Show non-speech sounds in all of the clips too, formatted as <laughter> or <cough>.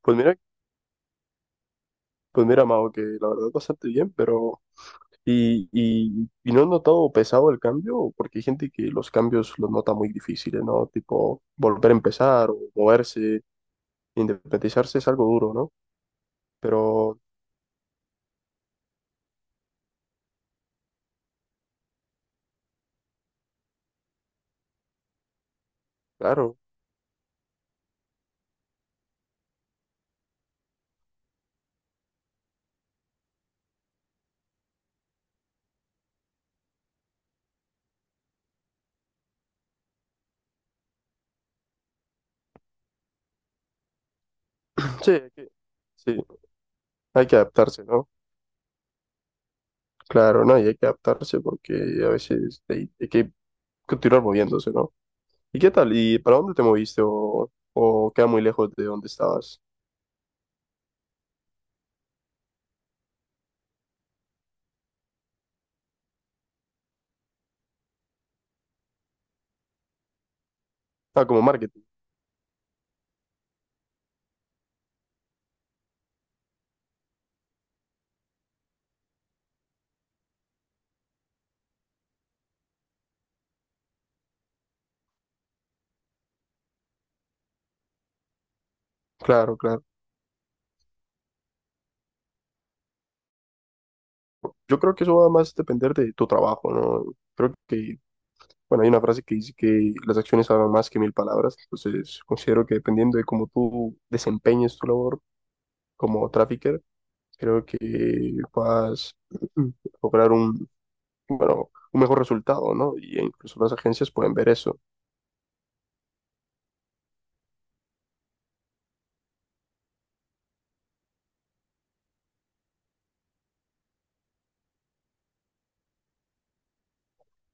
Pues mira, pues mira, Mao, que la verdad bastante bien, pero y no he notado pesado el cambio, porque hay gente que los cambios los nota muy difíciles, ¿no? Tipo, volver a empezar o moverse, independizarse es algo duro, ¿no? Pero, claro, <laughs> sí, hay que, sí, hay que adaptarse, ¿no? Claro, ¿no? Y hay que adaptarse porque a veces hay que continuar moviéndose, ¿no? ¿Y qué tal? ¿Y para dónde te moviste o queda muy lejos de donde estabas? Ah, como marketing. Claro, claro. Yo creo que eso va más a depender de tu trabajo, ¿no? Creo que, bueno, hay una frase que dice que las acciones hablan más que mil palabras, entonces considero que dependiendo de cómo tú desempeñes tu labor como trafficker, creo que vas a lograr un, bueno, un mejor resultado, ¿no? Y incluso las agencias pueden ver eso.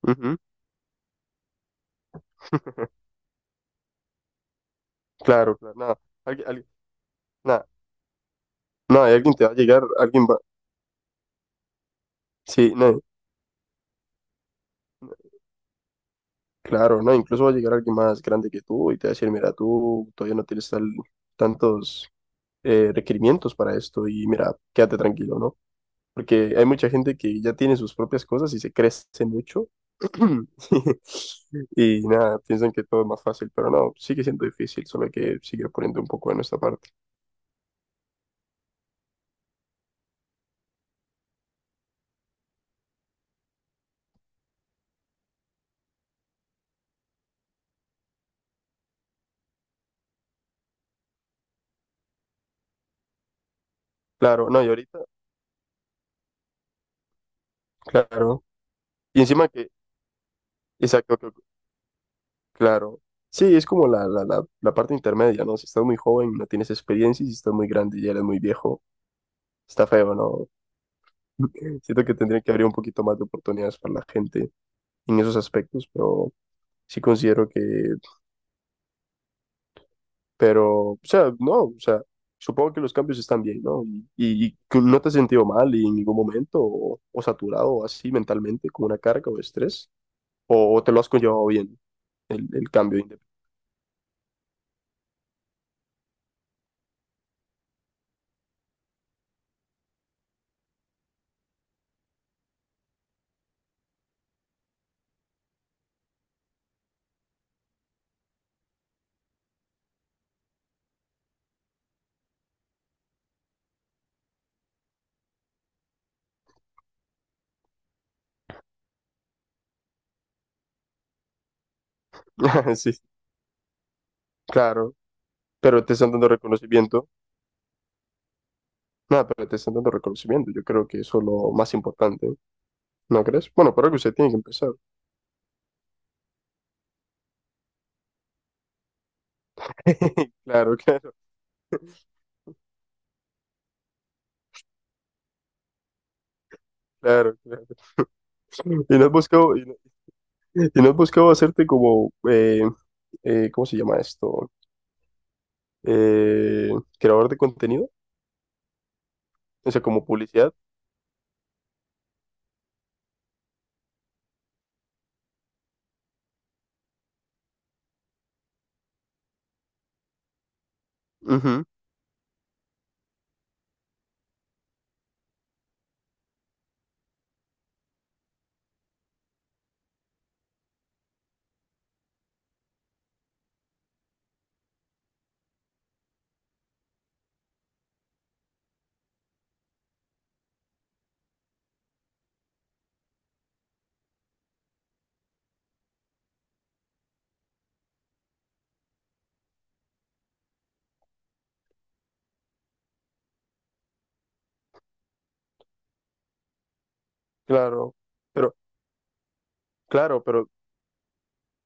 Ujú. <laughs> Claro, claro, nada, alguien, alguien- nada, nada, y alguien te va a llegar, alguien va, sí, no. Claro, ¿no? Incluso va a llegar alguien más grande que tú y te va a decir, mira, tú todavía no tienes tantos requerimientos para esto y mira, quédate tranquilo, ¿no? Porque hay mucha gente que ya tiene sus propias cosas y se crece mucho <clears throat> y nada, piensan que todo es más fácil, pero no, sigue siendo difícil, solo hay que seguir poniendo un poco de nuestra parte. Claro, no, y ahorita, claro. Y encima que, exacto, claro. Sí, es como la parte intermedia, ¿no? Si estás muy joven, no tienes experiencia, y si estás muy grande, ya eres muy viejo. Está feo, ¿no? <laughs> Siento que tendría que abrir un poquito más de oportunidades para la gente en esos aspectos, pero sí considero que, pero, o sea, no, o sea, supongo que los cambios están bien, ¿no? Y que no te has sentido mal y en ningún momento, o saturado o así mentalmente, con una carga o estrés, o te lo has conllevado bien, el cambio. <laughs> Sí, claro, pero te están dando reconocimiento. Nada, pero te están dando reconocimiento. Yo creo que eso es lo más importante, ¿no crees? Bueno, por algo usted tiene que empezar. <laughs> Claro, claro. <laughs> Claro, claro. Y no has buscado, y no has buscado hacerte como, ¿cómo se llama esto? Eh, creador de contenido, o sea, como publicidad. Ujú, claro, pero, claro, pero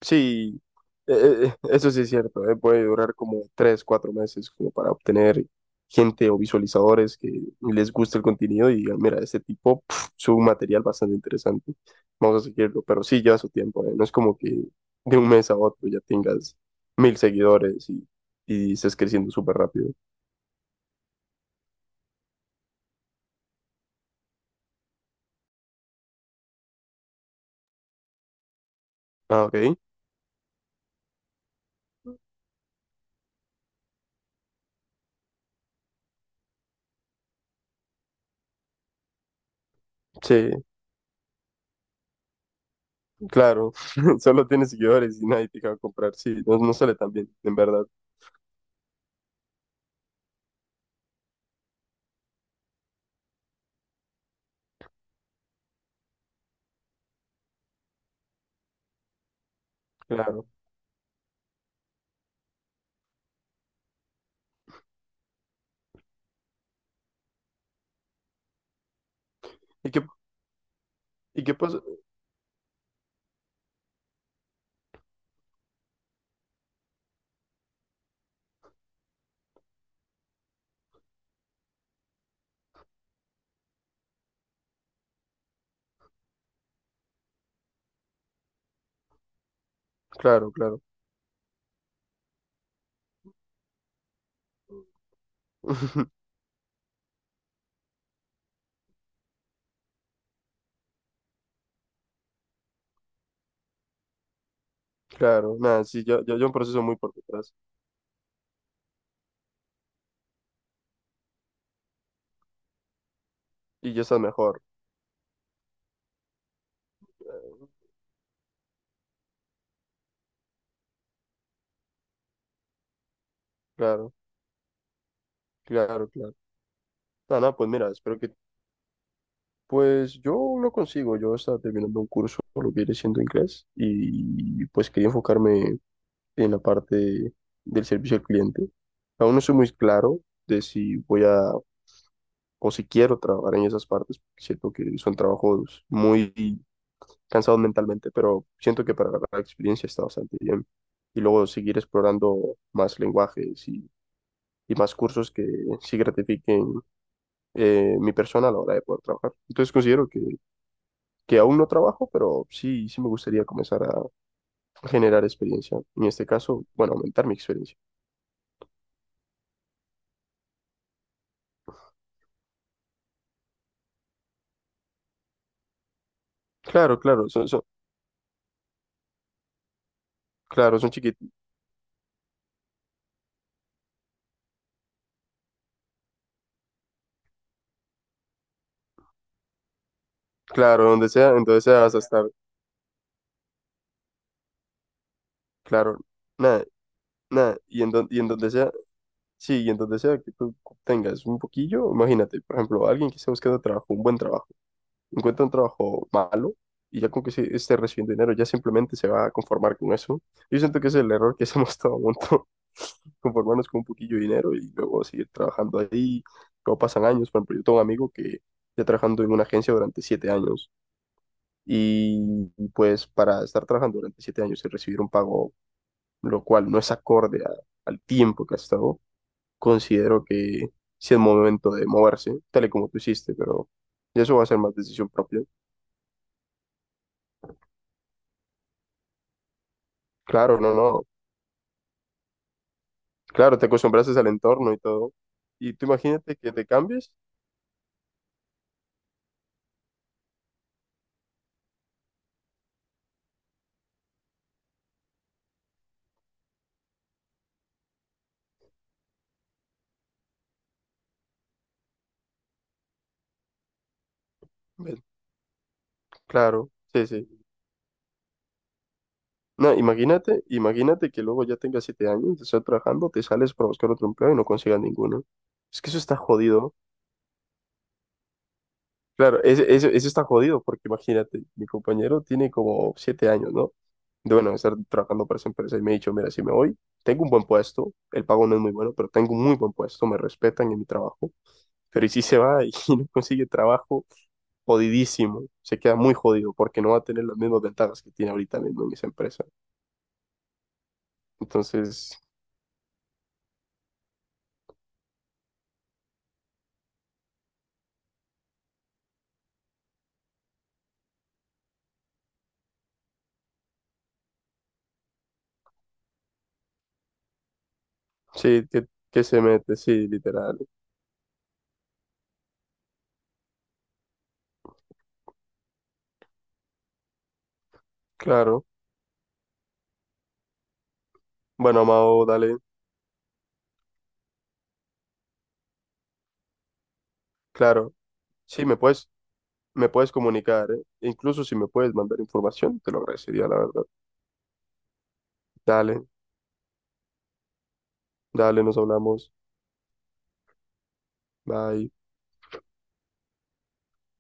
sí, eso sí es cierto, puede durar como tres, cuatro meses como para obtener gente o visualizadores que les guste el contenido y digan, mira, este tipo pf, sube un material bastante interesante, vamos a seguirlo, pero sí lleva su tiempo, no es como que de un mes a otro ya tengas 1000 seguidores y estés creciendo súper rápido. Ah, ok, sí, claro, <laughs> solo tienes seguidores y nadie te va a comprar, sí, no, no sale tan bien, en verdad, claro. ¿Y qué, y qué pasó? Claro, claro. <laughs> Claro, nada, sí, yo un proceso muy por detrás. Y ya estás mejor. eh, Claro, claro, claro. Nada, nada, pues mira, espero que, pues yo lo consigo, yo estaba terminando un curso por lo que viene siendo inglés y pues quería enfocarme en la parte del servicio al cliente. Aún no soy muy claro de si voy a o si quiero trabajar en esas partes, porque siento que son trabajos muy cansados mentalmente, pero siento que para la experiencia está bastante bien. Y luego seguir explorando más lenguajes y más cursos que sí gratifiquen, mi persona a la hora de poder trabajar. Entonces considero que aún no trabajo, pero sí, sí me gustaría comenzar a generar experiencia. En este caso, bueno, aumentar mi experiencia. Claro, claro, claro, son chiquitos. Claro, donde sea, entonces sea vas a estar. Claro, nada, nada. Y en donde sea, sí, y en donde sea que tú tengas un poquillo, imagínate, por ejemplo, alguien que esté buscando trabajo, un buen trabajo encuentra un trabajo malo y ya con que se esté recibiendo dinero, ya simplemente se va a conformar con eso. Yo siento que ese es el error que <laughs> hacemos todo el mundo, <laughs> conformarnos con un poquillo de dinero y luego seguir trabajando ahí. Luego pasan años, por ejemplo, yo tengo un amigo que está trabajando en una agencia durante 7 años y pues para estar trabajando durante 7 años y recibir un pago, lo cual no es acorde a-, al tiempo que has estado, considero que sí es momento de moverse, tal y como tú hiciste, pero ya eso va a ser más decisión propia. Claro, no, no. Claro, te acostumbraste al entorno y todo. Y tú imagínate que te cambies. Ve, claro, sí, sí. No, imagínate, imagínate que luego ya tengas 7 años, te estás trabajando, te sales para buscar otro empleo y no consigas ninguno. Es que eso está jodido. Claro, eso está jodido porque imagínate, mi compañero tiene como 7 años, ¿no? De bueno, estar trabajando para esa empresa y me ha dicho, mira, si me voy, tengo un buen puesto, el pago no es muy bueno, pero tengo un muy buen puesto, me respetan en mi trabajo. Pero ¿y si se va y <laughs> no consigue trabajo? Jodidísimo, se queda muy jodido porque no va a tener las mismas ventajas que tiene ahorita mismo en esa empresa. Entonces, sí, que se mete, sí, literal. Claro. Bueno, Amado, dale. Claro. Sí, me puedes comunicar, ¿eh? Incluso si me puedes mandar información, te lo agradecería, la verdad. Dale, dale, nos hablamos. Bye.